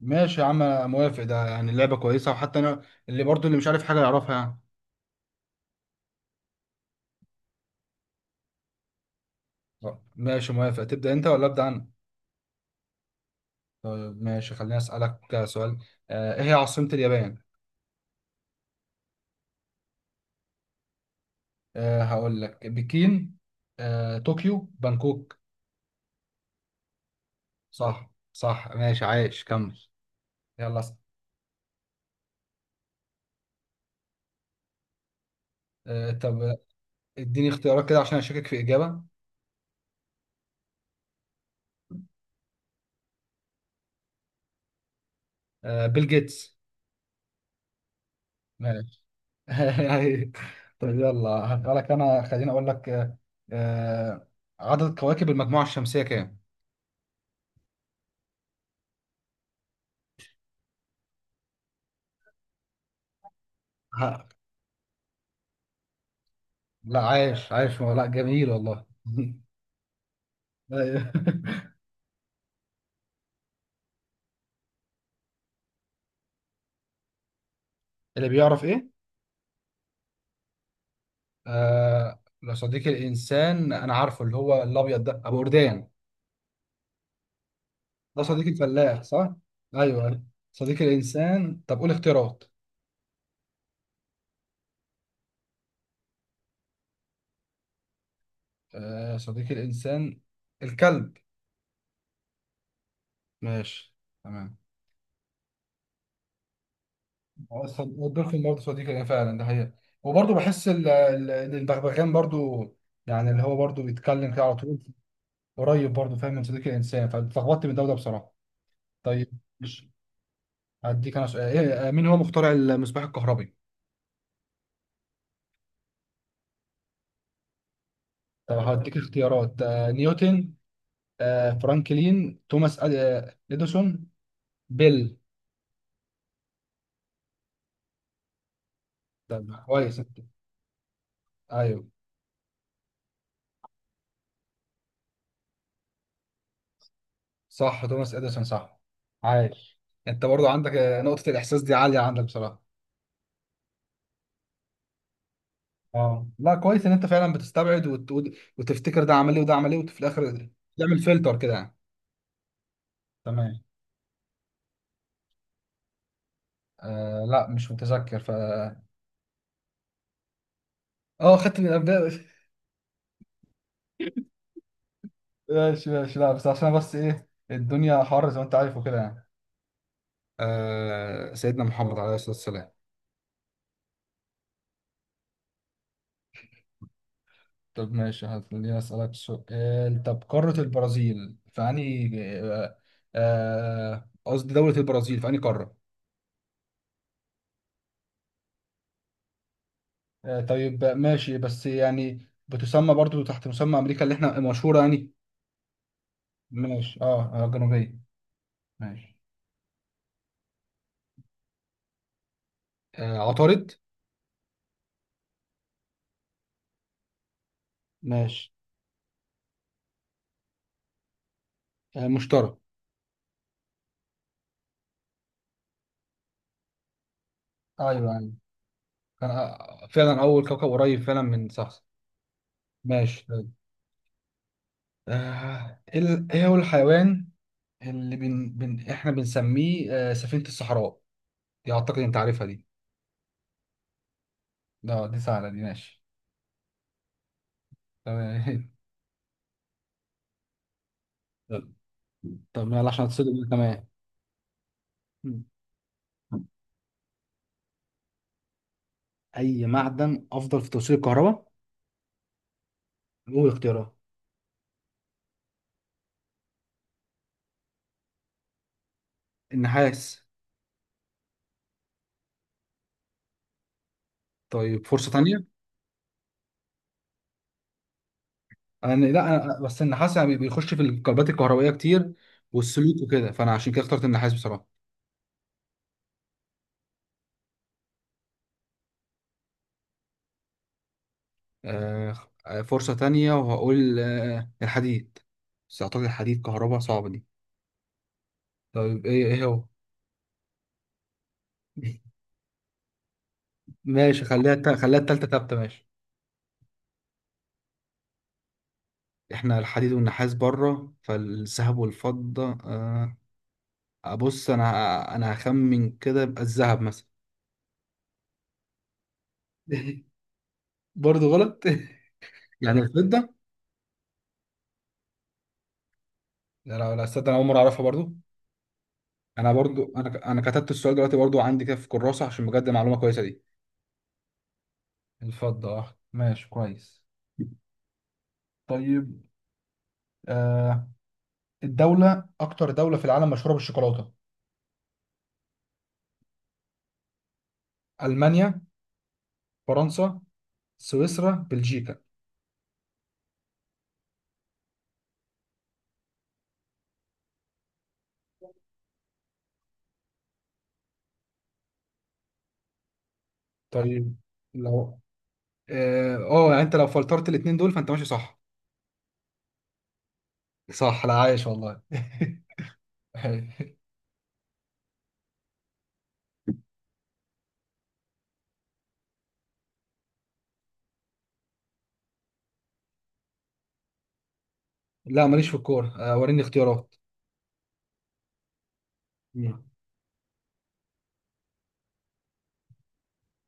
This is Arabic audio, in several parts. ماشي يا عم، انا موافق. ده يعني اللعبه كويسه، وحتى انا اللي مش عارف حاجه يعرفها يعني. آه، ماشي موافق. تبدا انت ولا ابدا انا؟ طيب ماشي، خليني اسالك سؤال. ايه هي عاصمه اليابان؟ أه هقول لك بكين، طوكيو، بانكوك. صح صح، ماشي عايش، كمل. يلا اسأل. طب اديني اختيارات كده عشان اشكك في اجابه. أه بيل جيتس. ماشي. أيوة. طيب يلا هسألك أنا، خليني أقول لك آه، عدد كواكب المجموعة الشمسية كام؟ ها، لا عايش عايش، لا جميل والله. أيوه. اللي بيعرف إيه؟ لو صديقي الإنسان، أنا عارفه اللي هو الأبيض ده، أبو أردان. ده صديقي الفلاح صح؟ أيوه. صديقي الإنسان، طب قول اختيارات. صديقي الإنسان، الكلب. ماشي، تمام. الدولفين برضه صديقي ليا فعلا، ده حقيقة. وبرضه بحس إن البغبغان برضه، يعني اللي هو برضه بيتكلم كده على طول، قريب برضه فاهم من صديق الإنسان. فاتلخبطت من ده وده بصراحة. طيب، مش هديك أنا سؤال. إيه، مين هو مخترع المصباح الكهربي؟ طب هديك اختيارات، نيوتن، فرانكلين، توماس إديسون، بيل. طب كويس أنت. أيوه صح، توماس إديسون صح. عايش. أنت برضه عندك نقطة الإحساس دي عالية عندك بصراحة. اه لا كويس ان انت فعلا بتستبعد وتفتكر ده عمل ايه وده عمل ايه، وفي الاخر تعمل فلتر كده يعني. تمام. آه لا مش متذكر ف. اه خدت من الابداع. ماشي ماشي، لا بس عشان بس ايه، الدنيا حر زي ما انت عارف وكده يعني. سيدنا محمد عليه الصلاه والسلام. طب ماشي، هتخليني اسالك سؤال. طب قارة البرازيل في انهي آه قصدي دوله البرازيل في انهي قاره؟ طيب ماشي، بس يعني بتسمى برضو تحت مسمى امريكا اللي احنا مشهورة يعني. ماشي اه، جنوبية. ماشي. عطارد. ماشي، مشتري. ايوه ايوه. كان فعلا أول كوكب قريب فعلا من، صح. ماشي طيب. إيه هو الحيوان اللي إحنا بنسميه سفينة الصحراء. دي أعتقد أنت عارفها دي. لا دي سهلة دي، ماشي. تمام. طب، يلا عشان اتصل بيك، تمام. م. أي معدن أفضل في توصيل الكهرباء؟ قول اختيارات. النحاس. طيب فرصة تانية. انا لا، انا بس النحاس يعني بيخش في الكربات الكهربائيه كتير والسلوك وكده، فانا عشان كده اخترت النحاس بصراحه. آه فرصه تانية، وهقول الحديد. بس اعتقد الحديد كهرباء صعبه دي. طيب، ايه هو؟ ماشي، خليها التالتة ثابته، ماشي. احنا الحديد والنحاس بره، فالذهب والفضه، ابص، انا هخمن كده، يبقى الذهب مثلا. برضه غلط. يعني الفضه؟ لا لا لا استنى، انا اول مره اعرفها برضه. انا برضو انا كتبت السؤال دلوقتي برضو عندي كده في كراسة، عشان بجد معلومة كويسة دي. الفضة اه، ماشي كويس. طيب آه الدولة أكتر دولة في العالم مشهورة بالشوكولاتة؟ ألمانيا، فرنسا، سويسرا، بلجيكا. طيب لو اه، يعني انت لو فلترت الاتنين دول فانت ماشي صح. صح، لا عايش والله. لا ماليش في الكورة. وريني اختيارات. مم.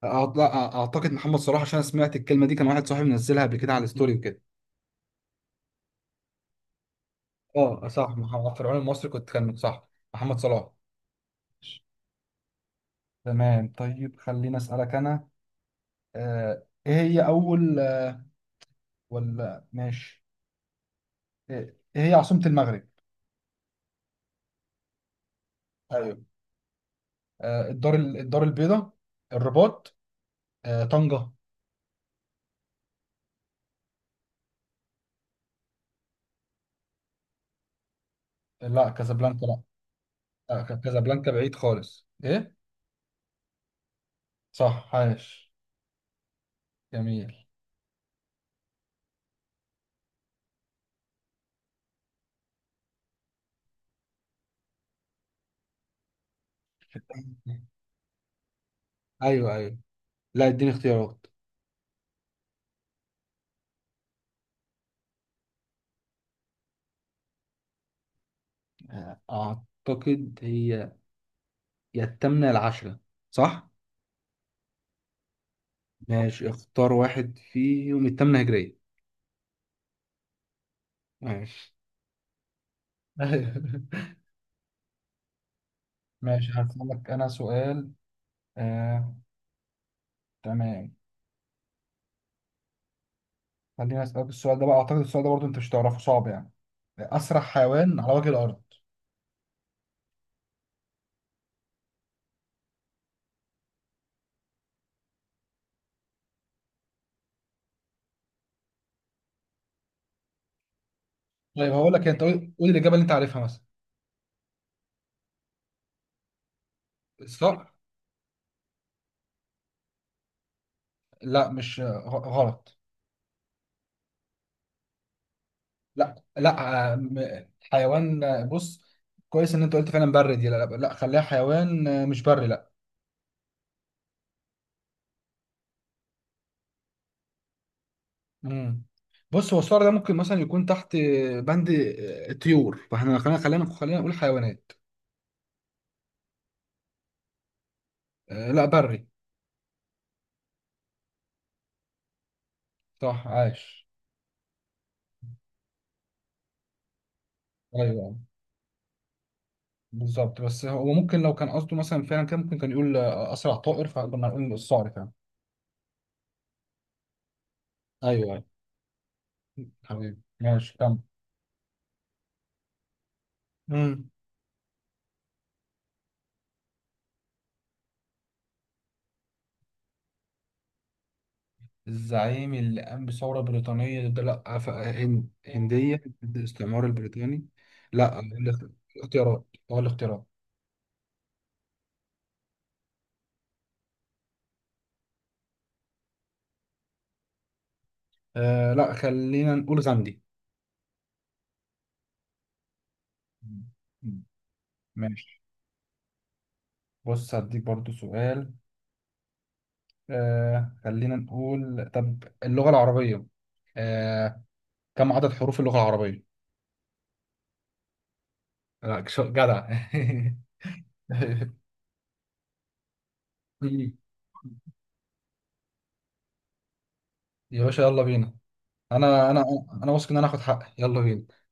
أعت- أعتقد محمد صلاح، عشان أنا سمعت الكلمة دي، كان واحد صاحبي منزلها قبل كده على الستوري وكده. اه صح، محمد فرعون المصري كنت كان صح. محمد صلاح. تمام طيب، خليني اسالك انا. ايه هي اول ولا ماشي، ايه هي عاصمة المغرب؟ ايوه. الدار البيضاء، الرباط، طنجة. لا كازابلانكا لا. كازابلانكا بعيد خالص، ايه. صح عاش، جميل. ايوه ايوه. لا اديني اختيارات. آه، اعتقد هي يا الثامنه العشره، صح؟ ماشي، اختار واحد فيهم، التامنة هجرية. ماشي. ماشي هسألك أنا سؤال. آه، تمام، خليني أسألك السؤال ده بقى. أعتقد السؤال ده برضه أنت مش تعرفه، صعب يعني. أسرع حيوان على وجه الأرض؟ طيب هقول لك، أنت قول قول الإجابة اللي أنت عارفها مثلا. الصقر. لا مش غلط. لا لا حيوان بص. كويس إن أنت قلت فعلا بري دي. لا لا, لا خليها حيوان، مش بري لا. مم. بص هو الصقر ده ممكن مثلا يكون تحت بند الطيور، فاحنا خلينا نقول حيوانات. آه لا بري. صح عاش. ايوه بالظبط، بس هو ممكن لو كان قصده مثلا فعلا، كان ممكن كان يقول اسرع طائر، فكنا نقول الصقر فعلا. ايوه أيوة. حبيبي ماشي، كمل. مم. الزعيم اللي قام بثورة بريطانية ده، لا هندية ضد الاستعمار البريطاني. لا الاختيارات، هو الاختيارات. آه لا، خلينا نقول غاندي. مم. ماشي، بص هديك برضو سؤال. خلينا نقول، طب اللغة العربية، آه كم عدد حروف اللغة العربية؟ لا جدع. يا باشا يلا بينا. انا انا انا واثق ان انا هاخد حقي، يلا بينا.